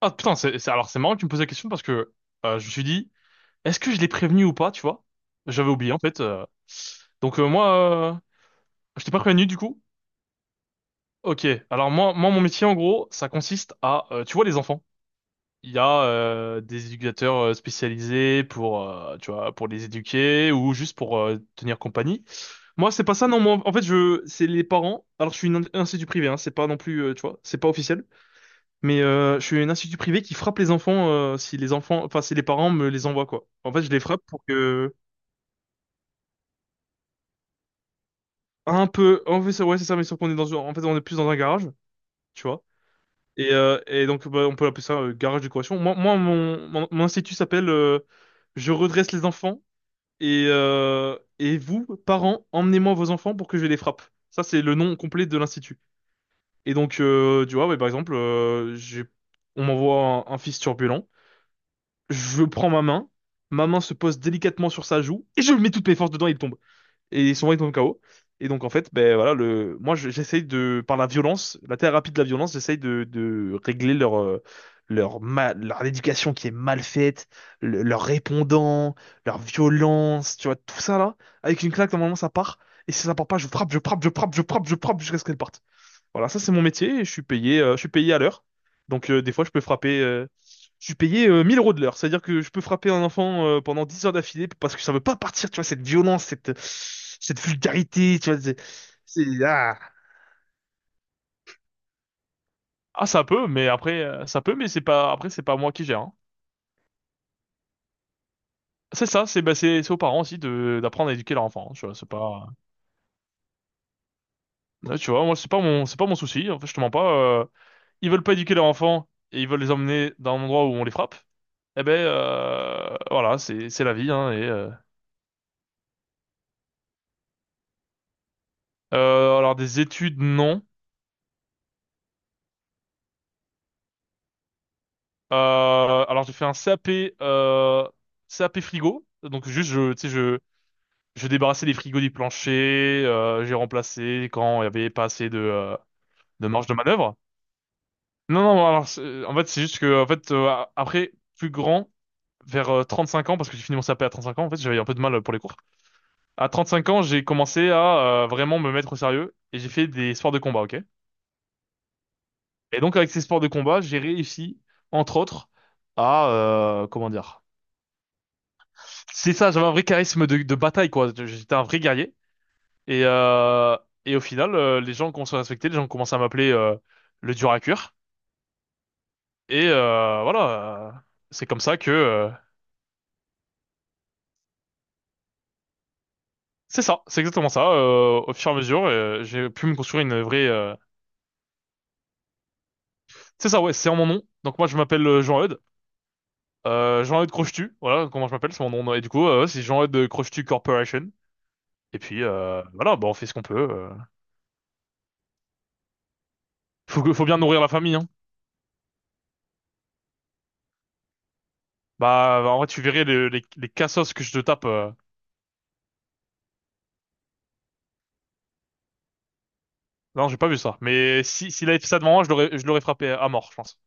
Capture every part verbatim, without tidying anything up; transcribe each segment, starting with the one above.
Ah putain, c'est, c'est- alors c'est marrant que tu me poses la question parce que euh, je me suis dit, est-ce que je l'ai prévenu ou pas, tu vois? J'avais oublié en fait. euh. Donc euh, moi, euh, je t'ai pas prévenu du coup. Ok, alors moi, moi mon métier en gros, ça consiste à, euh, tu vois les enfants, il y a euh, des éducateurs euh, spécialisés pour, euh, tu vois, pour les éduquer ou juste pour euh, tenir compagnie. Moi c'est pas ça, non, moi en fait je, c'est les parents. Alors je suis une in- institut privé, hein, c'est pas non plus, euh, tu vois, c'est pas officiel. Mais euh, je suis un institut privé qui frappe les enfants euh, si les enfants, enfin si les parents me les envoient quoi. En fait, je les frappe pour que. Un peu. En fait, c'est- ouais, c'est ça. Mais sauf qu'on est dans, en fait, on est plus dans un garage, tu vois. Et, euh, et donc, bah, on peut appeler ça euh, garage de correction. Moi, moi, mon, mon, mon institut s'appelle euh, Je redresse les enfants et euh, et vous, parents, emmenez-moi vos enfants pour que je les frappe. Ça, c'est le nom complet de l'institut. Et donc, euh, tu vois, ouais, par exemple, euh, j'ai, on m'envoie un, un fils turbulent. Je prends ma main, ma main se pose délicatement sur sa joue, et je mets toutes mes forces dedans, et il tombe. Et son bras, il tombe K O. Et donc, en fait, ben voilà, le, moi, je- j'essaye de, par la violence, la thérapie de la violence, j'essaye de, de régler leur, euh, leur ma- leur éducation qui est mal faite, le- leur répondant, leur violence, tu vois, tout ça là. Avec une claque, normalement, ça part. Et si ça part pas, je frappe, je frappe, je frappe, je frappe, je frappe jusqu'à ce qu'elle parte. Voilà, ça c'est mon métier et je suis payé, euh, je suis payé à l'heure. Donc euh, des fois je peux frapper, euh, je suis payé euh, mille euros de l'heure. C'est-à-dire que je peux frapper un enfant euh, pendant dix heures d'affilée parce que ça veut pas partir, tu vois, cette violence, cette, cette vulgarité, tu vois. C'est, c'est- ah. Ah, ça peut, mais après euh, ça peut, mais c'est pas, après c'est pas moi qui gère, hein. C'est ça, c'est bah, c'est c'est aux parents aussi de d'apprendre à éduquer leur enfant, hein, tu vois, c'est pas. Ouais, tu vois, moi c'est pas mon c'est pas mon souci. En fait, je te mens pas. euh, Ils veulent pas éduquer leur enfant et ils veulent les emmener dans un endroit où on les frappe. Eh ben euh, voilà, c'est c'est la vie, hein. Et euh, euh, alors des études non. Euh, alors j'ai fait un C A P euh, C A P frigo. Donc juste je tu sais je je débarrassais les frigos du plancher, euh, j'ai remplacé quand il y avait pas assez de euh, de marge de manœuvre. Non non, alors c'est- en fait c'est juste que en fait euh, après plus grand vers euh, trente-cinq ans parce que j'ai fini mon C A P à trente-cinq ans en fait, j'avais un peu de mal euh, pour les cours. À trente-cinq ans, j'ai commencé à euh, vraiment me mettre au sérieux et j'ai fait des sports de combat, OK? Et donc avec ces sports de combat, j'ai réussi, entre autres, à euh, comment dire. C'est ça, j'avais un vrai charisme de, de bataille, quoi. J'étais un vrai guerrier. Et, euh, et au final, euh, les gens commencent à respecter, les gens commencent à m'appeler euh, le dur à cuire. Et euh, voilà, euh, c'est comme ça que euh, c'est ça, c'est exactement ça. Euh, au fur et à mesure, euh, j'ai pu me construire une vraie. euh, C'est ça, ouais, c'est en mon nom. Donc moi, je m'appelle euh, Jean-Eudes. Euh, Jean-Eudes Crochetu, voilà comment je m'appelle, c'est mon nom. Et du coup, euh, ouais, c'est Jean-Eudes Crochetu Corporation. Et puis euh, voilà, bah on fait ce qu'on peut. euh. Faut que, faut bien nourrir la famille, hein. Bah en vrai tu verrais les, les, les cassos que je te tape. euh. Non, j'ai pas vu ça. Mais si s'il avait fait ça devant moi, je l'aurais je l'aurais frappé à mort, je pense.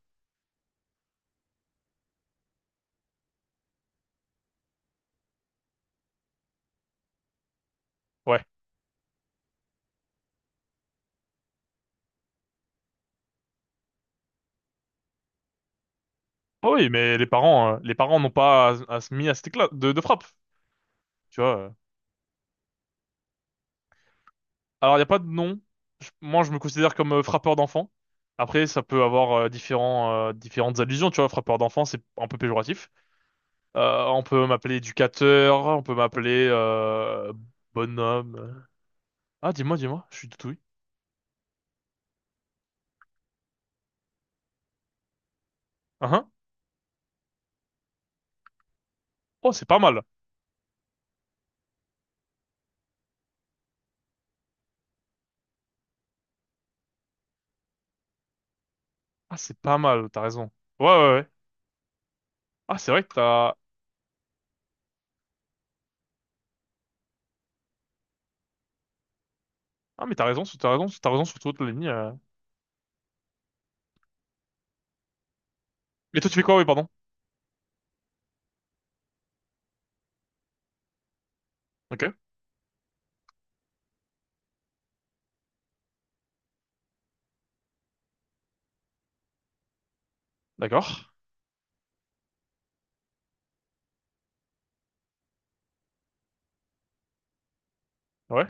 Ouais. Oh oui, mais les parents euh, les parents n'ont pas à, à se mis à cet éclat de, de frappe, tu vois. euh. Alors il y a pas de nom. Je- moi je me considère comme euh, frappeur d'enfant. Après ça peut avoir euh, différents euh, différentes allusions, tu vois. Frappeur d'enfant c'est un peu péjoratif. Euh, on peut m'appeler éducateur, on peut m'appeler euh, bonhomme. Ah, dis-moi, dis-moi, je suis tout oui. Ah, hein. Oh, c'est pas mal. Ah, c'est pas mal, t'as raison. Ouais, ouais, ouais. Ah, c'est vrai que t'as. Ah, mais t'as raison, sur- t'as raison, sur- t'as raison sur toute la ligne. euh. Mais toi, tu fais quoi? Oui, pardon. Ok, d'accord. Ouais,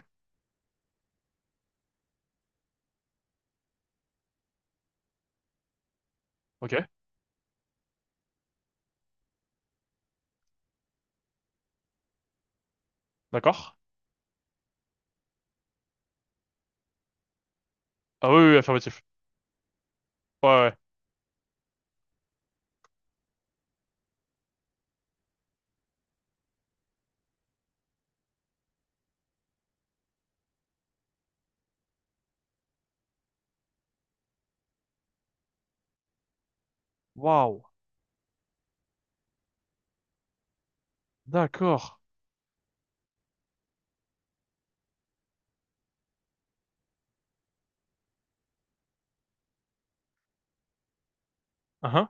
ok, d'accord. Ah oui, oui, oui, affirmatif. Ouais, ouais. Waouh, d'accord. Ah, hein.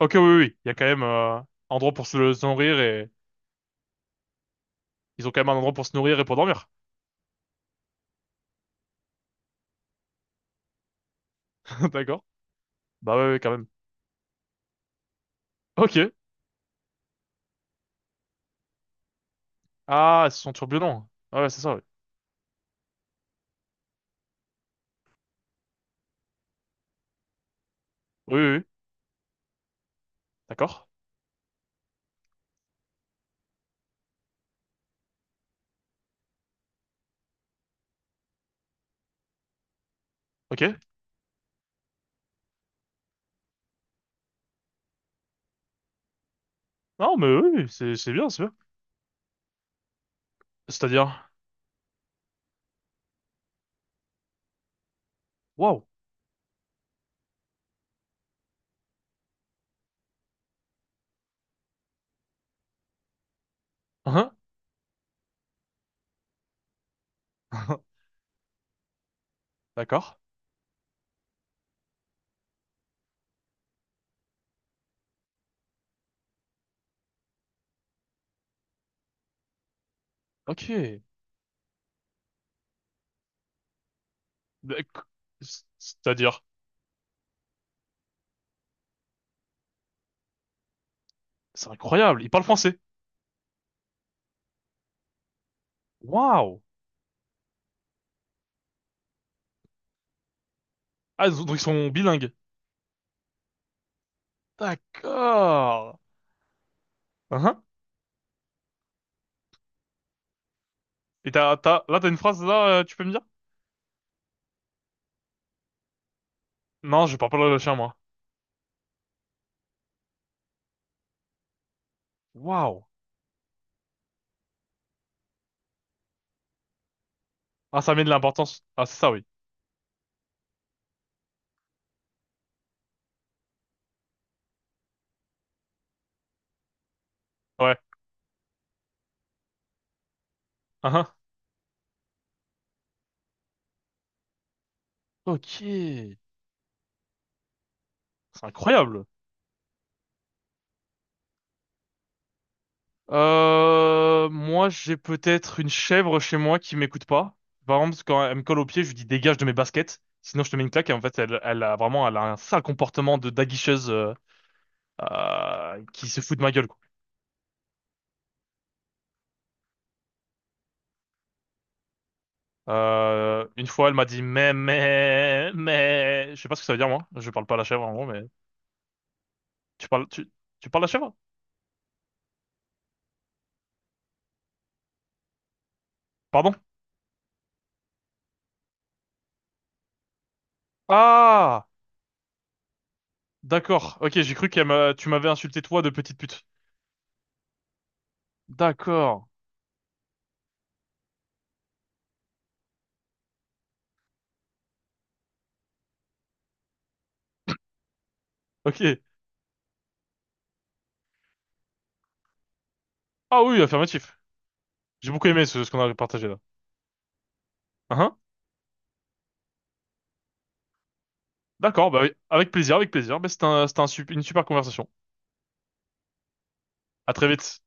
Ok, oui, oui, oui. Il y a quand même euh, un endroit pour se se nourrir et. Ils ont quand même un endroit pour se nourrir et pour dormir. D'accord. Bah ouais, ouais, quand même. Ok. Ah, ils sont turbulents. Ouais, ouais, c'est ça, oui. Oui, oui, oui. D'accord. Ok. Non, mais oui, oui, c'est c'est bien, c'est bien. C'est-à-dire. Wow. Hein? D'accord. Ok. Bah, c- C'est-à-dire, c'est incroyable. Ils parlent français. Waouh. Ah, donc ils sont bilingues. D'accord. Hein? Et t'as, t'as, là, t'as une phrase, là, euh, tu peux me dire? Non, je parle pas le chien, moi. Waouh. Ah, ça met de l'importance. Ah, c'est ça, oui. Ouais. Hein? Ok. C'est incroyable. Euh, moi, j'ai peut-être une chèvre chez moi qui m'écoute pas. Par exemple, quand elle me colle au pied, je lui dis dégage de mes baskets, sinon je te mets une claque. Et en fait, elle, elle a vraiment, elle a un sale comportement de daguicheuse euh, euh, qui se fout de ma gueule, quoi. Euh, une fois, elle m'a dit mais mais mais, je sais pas ce que ça veut dire moi. Je parle pas la chèvre en gros, mais tu parles tu tu parles la chèvre? Pardon? Ah, d'accord. Ok, j'ai cru qu'elle m'a, tu m'avais insulté toi de petite pute. D'accord. Ok. Ah oui, affirmatif. J'ai beaucoup aimé ce, ce qu'on a partagé là. Hein? D'accord, bah oui, avec plaisir, avec plaisir. Bah, c'était un, c'était un sup- une super conversation. À très vite.